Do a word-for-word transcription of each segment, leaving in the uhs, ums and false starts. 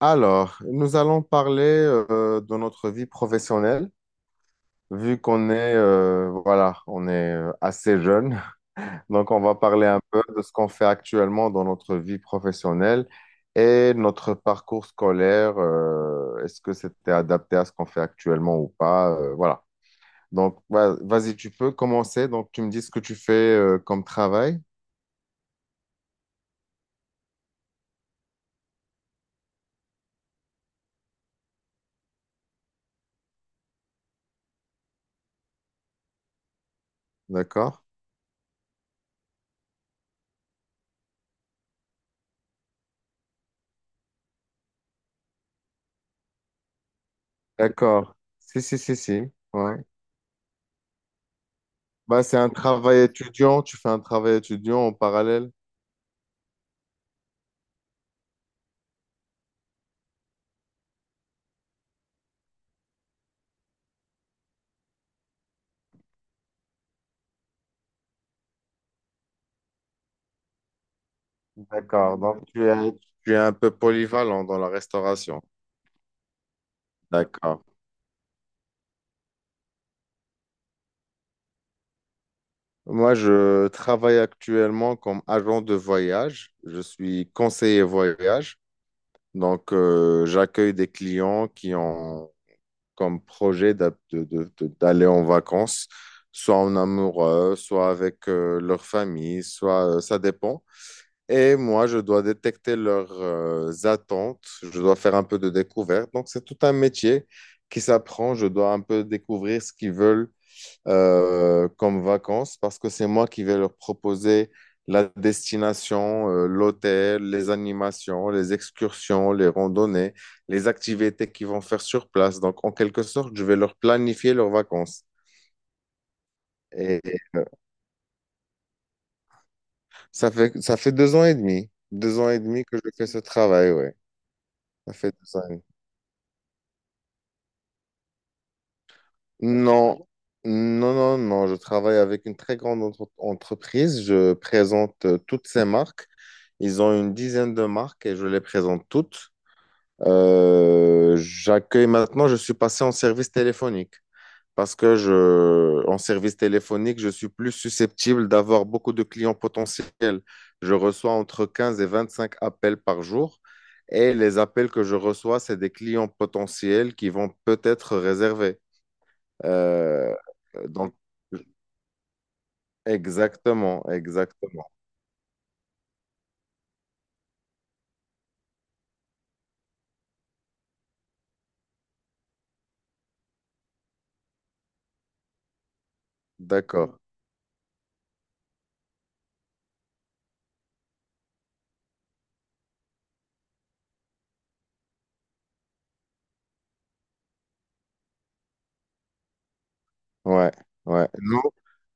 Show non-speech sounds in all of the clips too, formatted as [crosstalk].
Alors, nous allons parler euh, de notre vie professionnelle, vu qu'on est, euh, voilà, on est euh, assez jeune. [laughs] Donc, on va parler un peu de ce qu'on fait actuellement dans notre vie professionnelle et notre parcours scolaire. Euh, est-ce que c'était adapté à ce qu'on fait actuellement ou pas? Euh, voilà. Donc, va- vas-y, tu peux commencer. Donc, tu me dis ce que tu fais euh, comme travail. D'accord? D'accord. Si, si, si, si. Ouais. Bah, c'est un travail étudiant, tu fais un travail étudiant en parallèle. D'accord, donc tu es, tu es un peu polyvalent dans la restauration. D'accord. Moi, je travaille actuellement comme agent de voyage. Je suis conseiller voyage. Donc, euh, j'accueille des clients qui ont comme projet d'a- de- de- de- d'aller en vacances, soit en amoureux, soit avec euh, leur famille, soit euh, ça dépend. Et moi, je dois détecter leurs euh, attentes, je dois faire un peu de découverte. Donc, c'est tout un métier qui s'apprend. Je dois un peu découvrir ce qu'ils veulent euh, comme vacances, parce que c'est moi qui vais leur proposer la destination, euh, l'hôtel, les animations, les excursions, les randonnées, les activités qu'ils vont faire sur place. Donc, en quelque sorte, je vais leur planifier leurs vacances. Et ça fait, ça fait deux ans et demi, deux ans et demi que je fais ce travail, ouais. Ça fait deux ans. Non, non, non, non. Je travaille avec une très grande entre- entreprise. Je présente euh, toutes ces marques. Ils ont une dizaine de marques et je les présente toutes. Euh, j'accueille maintenant, je suis passé en service téléphonique parce que je, en service téléphonique, je suis plus susceptible d'avoir beaucoup de clients potentiels. Je reçois entre quinze et vingt-cinq appels par jour. Et les appels que je reçois, c'est des clients potentiels qui vont peut-être réserver. Euh, donc, exactement, exactement. D'accord. Ouais, ouais. Nous,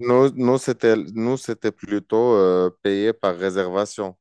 nous, nous, c'était, nous, c'était plutôt euh, payé par réservation.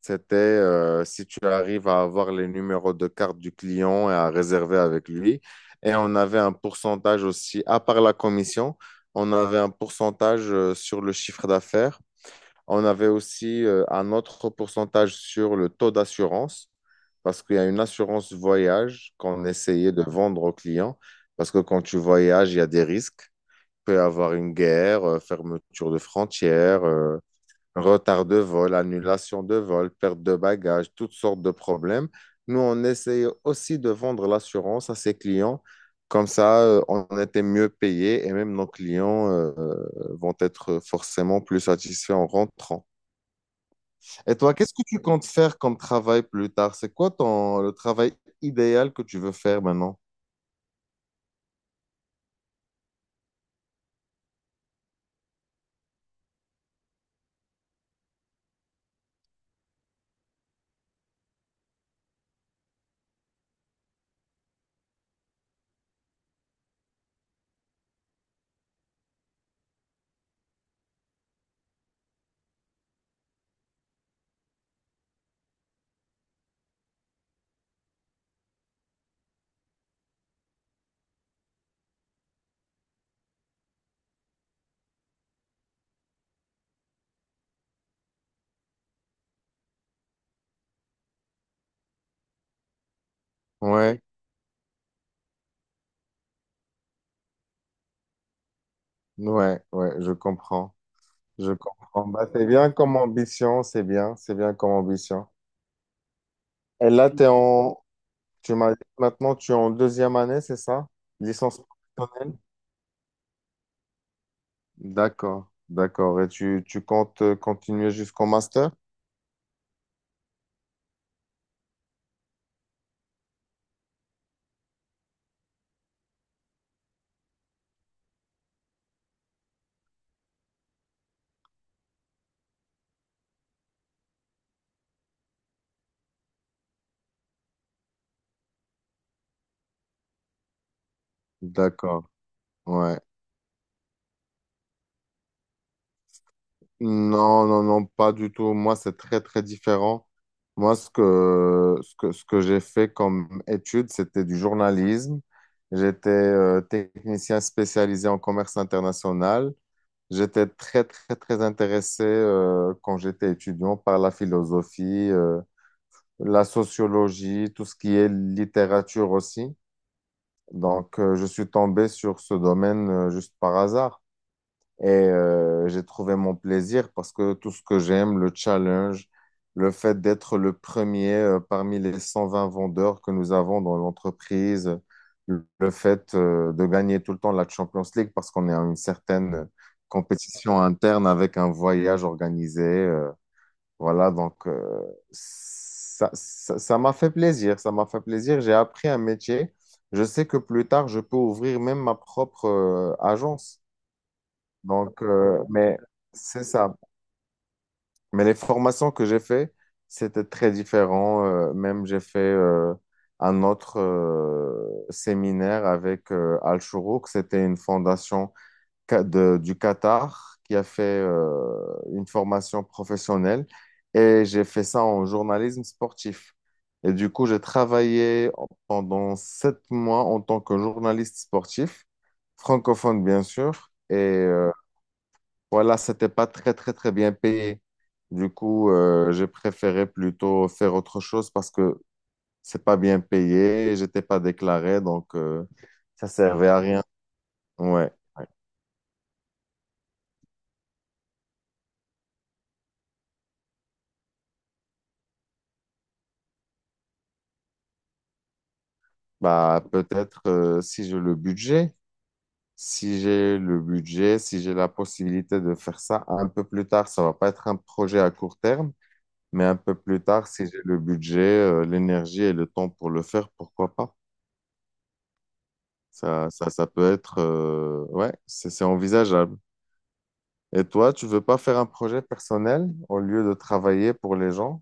C'était euh, si tu arrives à avoir les numéros de carte du client et à réserver avec lui. Et on avait un pourcentage aussi, à part la commission, on avait un pourcentage euh, sur le chiffre d'affaires. On avait aussi euh, un autre pourcentage sur le taux d'assurance, parce qu'il y a une assurance voyage qu'on essayait de vendre aux clients, parce que quand tu voyages, il y a des risques. Il peut y avoir une guerre, euh, fermeture de frontières, euh, retard de vol, annulation de vol, perte de bagages, toutes sortes de problèmes. Nous, on essayait aussi de vendre l'assurance à ses clients. Comme ça, euh, on était mieux payés et même nos clients euh, euh, vont être forcément plus satisfaits en rentrant. Et toi, qu'est-ce que tu comptes faire comme travail plus tard? C'est quoi ton, le travail idéal que tu veux faire maintenant? Ouais, ouais, ouais, je comprends. Je comprends. Bah, c'est bien comme ambition, c'est bien, c'est bien comme ambition. Et là, t'es en, tu m'as dit que maintenant, tu es en deuxième année, c'est ça? Licence professionnelle? D'accord, d'accord. Et tu, tu comptes euh, continuer jusqu'au master? D'accord, ouais. Non, non, non, pas du tout. Moi, c'est très, très différent. Moi, ce que, ce que, ce que j'ai fait comme étude, c'était du journalisme. J'étais euh, technicien spécialisé en commerce international. J'étais très, très, très intéressé euh, quand j'étais étudiant par la philosophie, euh, la sociologie, tout ce qui est littérature aussi. Donc, euh, je suis tombé sur ce domaine euh, juste par hasard. Et euh, j'ai trouvé mon plaisir parce que tout ce que j'aime, le challenge, le fait d'être le premier euh, parmi les cent vingt vendeurs que nous avons dans l'entreprise, le le fait euh, de gagner tout le temps la Champions League parce qu'on est à une certaine compétition interne avec un voyage organisé. Euh, voilà, donc euh, ça, ça, ça m'a fait plaisir, ça m'a fait plaisir. J'ai appris un métier. Je sais que plus tard, je peux ouvrir même ma propre euh, agence. Donc, euh, mais c'est ça. Mais les formations que j'ai fait, c'était très différent. Euh, même j'ai fait euh, un autre euh, séminaire avec euh, Al Shourouk. C'était une fondation ca- de- du Qatar qui a fait euh, une formation professionnelle. Et j'ai fait ça en journalisme sportif. Et du coup, j'ai travaillé en- pendant sept mois en tant que journaliste sportif, francophone bien sûr. Et euh, voilà, c'était pas très, très, très bien payé. Du coup, euh, j'ai préféré plutôt faire autre chose parce que c'est pas bien payé, j'étais pas déclaré, donc euh, ça servait à rien. Ouais, bah peut-être euh, si j'ai le budget, si j'ai le budget, si j'ai la possibilité de faire ça un peu plus tard, ça va pas être un projet à court terme, mais un peu plus tard, si j'ai le budget, euh, l'énergie et le temps pour le faire, pourquoi pas? Ça, ça, ça peut être, euh, ouais, c'est c'est envisageable. Et toi, tu veux pas faire un projet personnel au lieu de travailler pour les gens?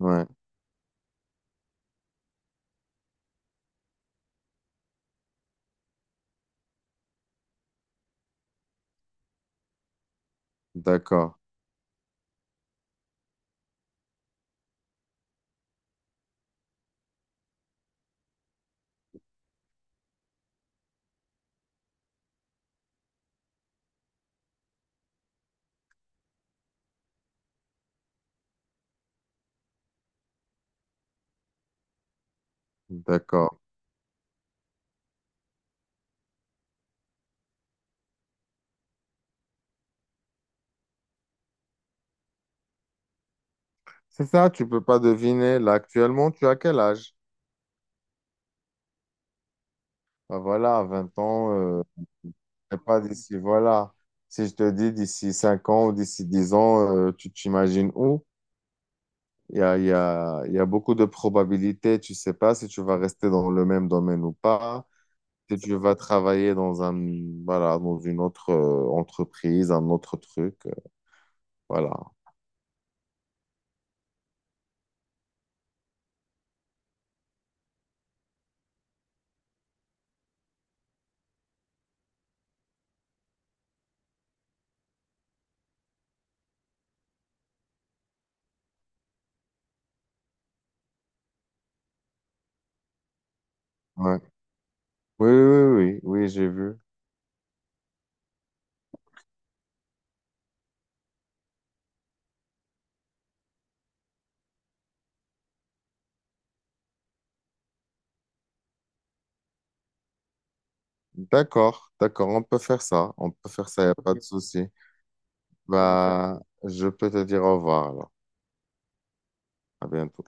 Ouais, d'accord, d'accord. C'est ça, tu peux pas deviner. Là, actuellement, tu as quel âge? Ben voilà, à vingt ans, euh, et pas d'ici, voilà. Si je te dis d'ici cinq ans ou d'ici dix ans, euh, tu t'imagines où? Il y a, il y a, il y a beaucoup de probabilités. Tu sais pas si tu vas rester dans le même domaine ou pas, si tu vas travailler dans un, voilà, dans une autre euh, entreprise, un autre truc. Voilà. Ouais. Oui, oui, oui, oui, oui, j'ai vu. D'accord, d'accord, on peut faire ça. On peut faire ça, il n'y a pas de souci. Bah, je peux te dire au revoir alors. À bientôt.